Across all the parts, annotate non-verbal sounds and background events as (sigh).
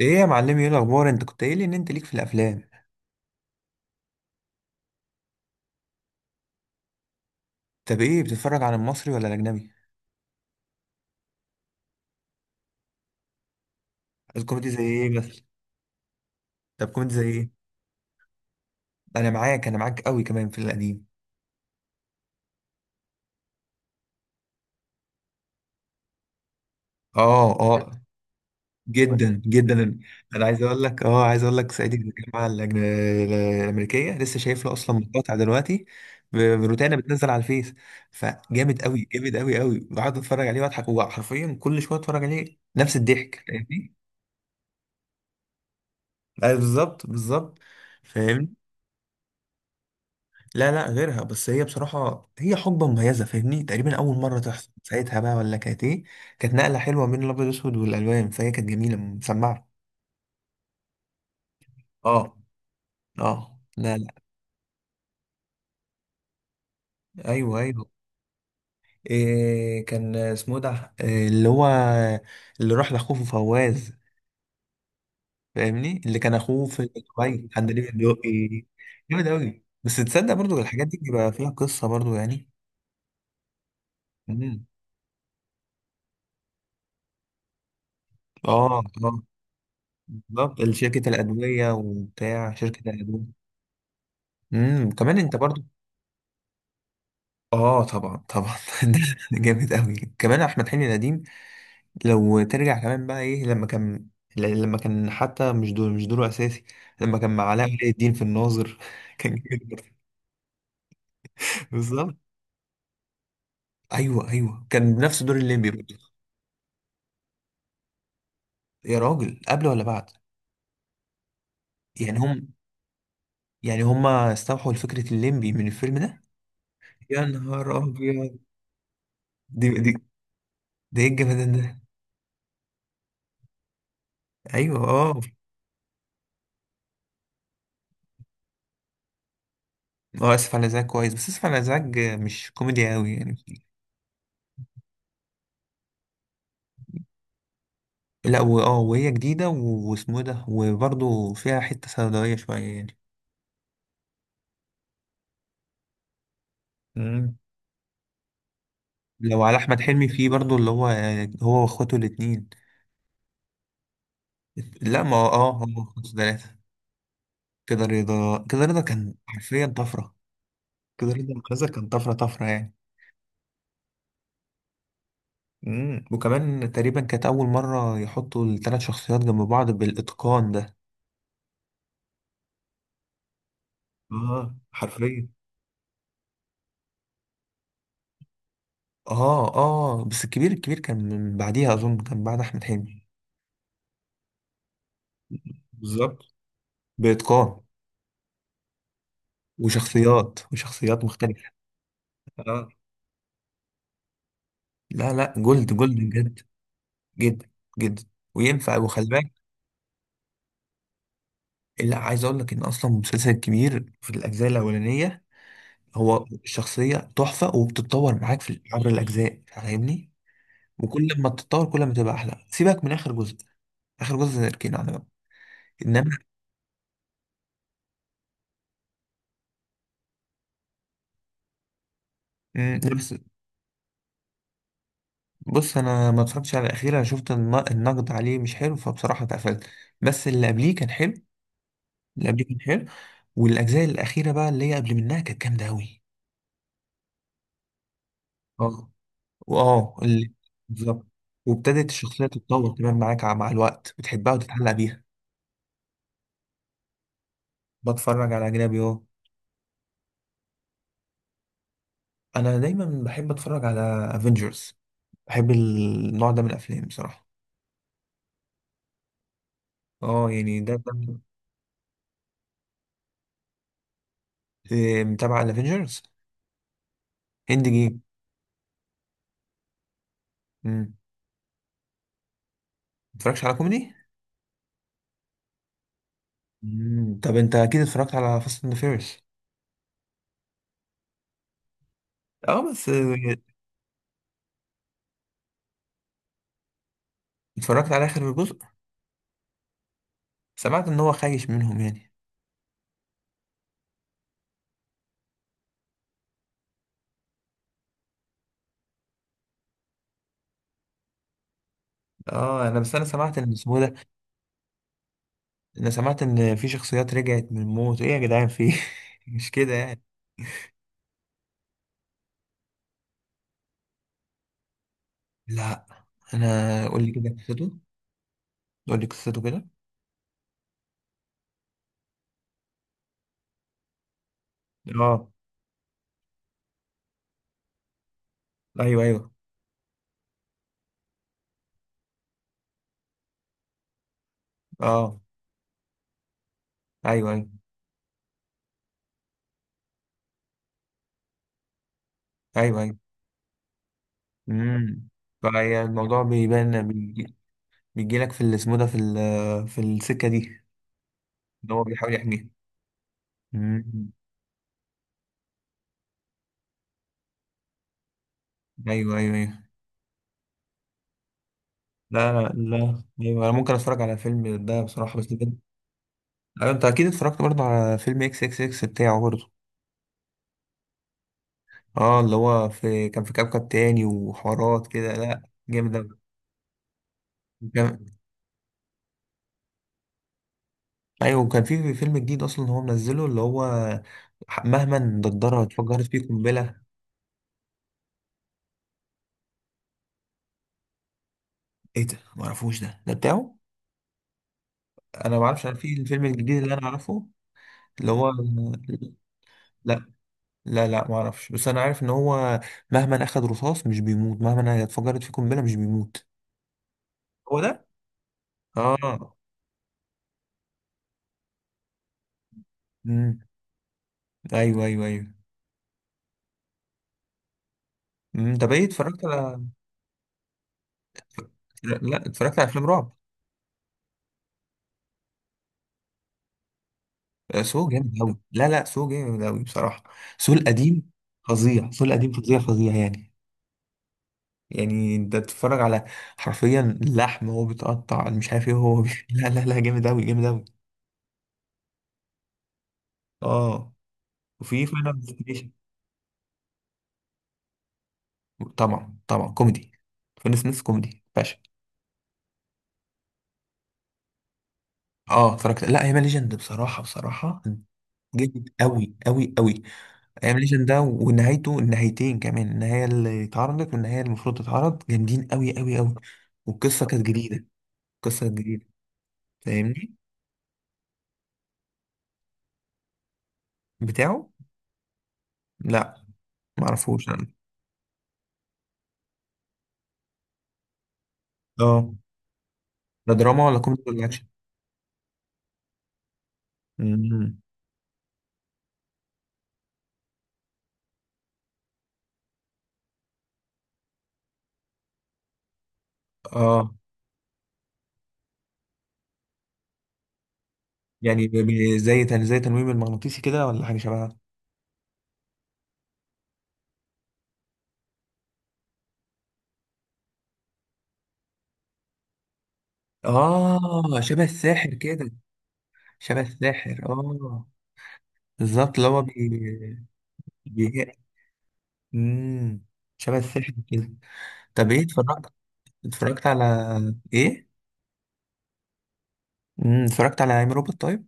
ايه يا معلمي؟ ايه الاخبار؟ انت كنت قايل لي ان انت ليك في الافلام. طب، ايه بتتفرج على المصري ولا الاجنبي؟ الكوميدي زي ايه مثلا؟ طب كوميدي زي ايه؟ انا معاك، انا معاك قوي كمان في القديم. اه، اه. جدا جدا. انا عايز اقول لك اه عايز اقول لك صعيدي في الجامعه الامريكيه، لسه شايف له اصلا مقاطع دلوقتي. ب- روتانا بتنزل على الفيس، فجامد قوي، جامد قوي قوي، بقعد اتفرج عليه واضحك، هو حرفيا كل شويه اتفرج عليه نفس الضحك، فاهمني؟ أيوة، بالظبط، بالظبط. فاهمني؟ لا، لا، غيرها، بس هي بصراحة هي حقبة مميزة، فاهمني؟ تقريبا أول مرة تحصل ساعتها، بقى ولا كانت إيه؟ كانت نقلة حلوة بين الأبيض والأسود والألوان، فهي كانت جميلة مسمعة. اه، اه، لا، لا. أيوه، أيوه. إيه كان اسمه ده؟ إيه اللي هو؟ اللي راح لأخوه في فواز، فاهمني؟ اللي كان أخوه في دبي، عندليب الدقي. جامد أوي، بس تصدق برضو الحاجات دي بيبقى فيها قصة برضو، يعني. مم. اه، اه، بالظبط، شركة الأدوية وبتاع شركة الأدوية. كمان انت برضو. اه، طبعا، طبعا، (laughs) ده جامد قوي كمان، احمد حلمي القديم. لو ترجع كمان بقى ايه لما كان، لما كان، حتى مش دوره اساسي، لما كان مع علاء ولي الدين في الناظر، (laughs) كان جامد برضه. بالظبط، ايوه، ايوه، كان نفس دور الليمبي برضه. يا راجل، قبل ولا بعد؟ يعني هم يعني هم استوحوا لفكرة الليمبي من الفيلم ده. يا نهار ابيض. دي دي ده ايه الجمدان ده؟ ايوه، اه، اه، اسف على الازعاج كويس، بس اسف على الازعاج مش كوميدي قوي يعني. لا، وهي جديدة، واسمه إيه ده، وبرضه فيها حتة سوداوية شوية يعني. مم. لو على أحمد حلمي فيه برضه اللي هو، هو وأخواته الاتنين. لا، ما هو- اه هو وأخواته تلاتة. كده رضا كان حرفيا طفرة. كده رضا كذا، كان طفرة طفرة يعني. مم. وكمان تقريبا كانت أول مرة يحطوا التلات شخصيات جنب بعض بالإتقان ده. اه، حرفيا. اه، اه، بس الكبير كان من بعديها، أظن كان بعد أحمد حلمي. بالظبط، بإتقان. وشخصيات مختلفة. آه. لا، لا، جولد، جولد، بجد. جدا، جدا. وينفع، وخلي بالك. لا، عايز اقول لك ان اصلا المسلسل الكبير في الاجزاء الاولانية، هو الشخصية تحفة، وبتتطور معاك في عبر الاجزاء، فاهمني؟ وكل ما تتطور كل ما تبقى احلى، سيبك من اخر جزء. اخر جزء نركينا على جنب. انما، لا بس. بص، انا ما اتفرجتش على الاخير، انا شفت النقد عليه مش حلو، فبصراحة اتقفلت. بس اللي قبليه كان حلو. اللي قبليه كان حلو. والاجزاء الاخيره بقى اللي هي قبل منها كانت جامده قوي. اه، واه، اللي، بالظبط. وابتدت الشخصيه تتطور كمان معاك مع الوقت، بتحبها وتتعلق بيها. بتفرج على اجنبي، اه. انا دايما بحب اتفرج على افنجرز. بحب النوع ده من الافلام بصراحه. اه، يعني ده. إيه، متابع على افنجرز. هند جيم. امم. متفرجش على كوميدي؟ مم. طب، انت اكيد اتفرجت على فاست اند فيرس. اه، بس اتفرجت على اخر جزء. سمعت ان هو خايش منهم يعني. اه، انا سمعت ان اسمه ده. انا سمعت ان في شخصيات رجعت من الموت، ايه يا جدعان، في إيه؟ (laughs) مش كده يعني؟ لا، انا، قول لي كده قصته. قول لي قصته كده. اه، ايوه، ايوه. اه، ايوه، ايوه، ايوه، ايوه. امم. فهي الموضوع بيبان، بيجي، بيجي لك في اللي اسمه ده، في في السكه دي، ان هو بيحاول يحميها. امم. ايوه، ايوه، ايوه. لا، لا، لا، ايوه، انا ممكن اتفرج على فيلم ده بصراحه، بس كده. ايوه، انت اكيد اتفرجت برضه على فيلم XXX بتاعه برضه؟ اه، اللي هو في كان في كوكب تاني وحوارات كده، لا، جامد أوي. كان- ايوه، وكان في فيلم جديد اصلا هو منزله اللي هو، مهما ندرها اتفجرت فيه قنبله. ايه ده؟ ما اعرفوش ده بتاعه. انا ما اعرفش، انا في الفيلم الجديد اللي انا اعرفه، اللي هو. لا، لا، لا، ما اعرفش، بس انا عارف ان هو مهما اخد رصاص مش بيموت، مهما اتفجرت فيه قنبله مش بيموت. هو ده. اه. امم. ايوه، ايوه، ايوه. طب، ايه اتفرجت على. لا، اتفرجت على افلام رعب. سو جامد أوي، لا، لا، سو جامد أوي بصراحة. سو القديم فظيع، سو القديم فظيع، فظيع يعني. يعني انت تتفرج على حرفيا اللحم وهو بيتقطع، مش عارف ايه هو (laughs) لا، لا، لا، جامد أوي، جامد أوي. اه، وفي فاينل ديستنيشن. طبعا، طبعا، كوميدي. فين سميث كوميدي، باشا. اه، اتفرجت، لا، ايام ليجند بصراحة، بصراحة جامد أوي أوي أوي. ايام ليجند ده ونهايته، النهايتين كمان، النهاية اللي اتعرضت والنهاية اللي المفروض تتعرض، جامدين أوي أوي أوي. والقصة كانت جديدة. قصة جديدة. فاهمني؟ بتاعه. لا، معرفوش انا. اه، ده دراما ولا كوميدي ولا اكشن؟ امم. اه، يعني زي تنويم المغناطيسي كده، ولا حاجة شبهها؟ اه، شبه الساحر كده. شبه الساحر، اه. بالظبط، اللي هو بي بي امم شبه الساحر كده. طب، ايه، اتفرجت على ايه؟ اتفرجت على عم روبوت، طيب؟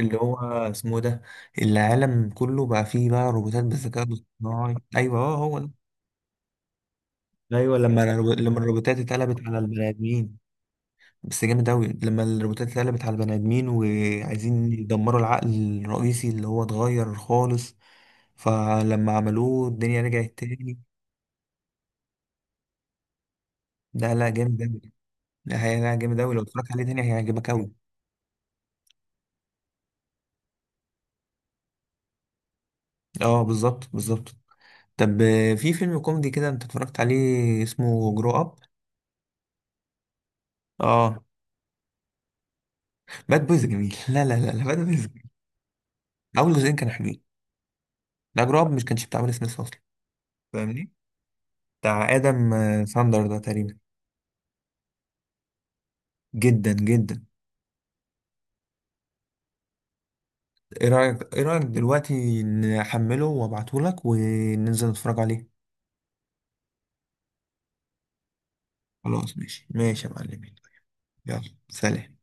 اللي هو اسمه إيه ده، العالم كله بقى فيه بقى روبوتات بالذكاء الاصطناعي. ايوه، اه، هو ده. ايوه، لما لما الروبوتات اتقلبت على البني ادمين، بس جامد اوي لما الروبوتات اتقلبت على البني ادمين وعايزين يدمروا العقل الرئيسي اللي هو اتغير خالص، فلما عملوه الدنيا رجعت تاني. لا، لا، جامد اوي. لا، لا، جامد اوي، لو اتفرجت عليه تاني هيعجبك اوي. اه، بالظبط، بالظبط. طب، في فيلم كوميدي كده انت اتفرجت عليه اسمه جرو اب؟ اه، باد بويز جميل، لا، لا، لا، لا، باد بويز جميل. اول جزئين كانوا حلوين. لا، جرو اب مش كانش بتاع ويل سميث اصلا. فاهمني؟ بتاع ادم ساندر ده تقريبا. جدا، جدا. ايه رايك دلوقتي نحمله وابعته لك وننزل نتفرج عليه؟ خلاص، ماشي، ماشي يا معلمين. يلا، سلام.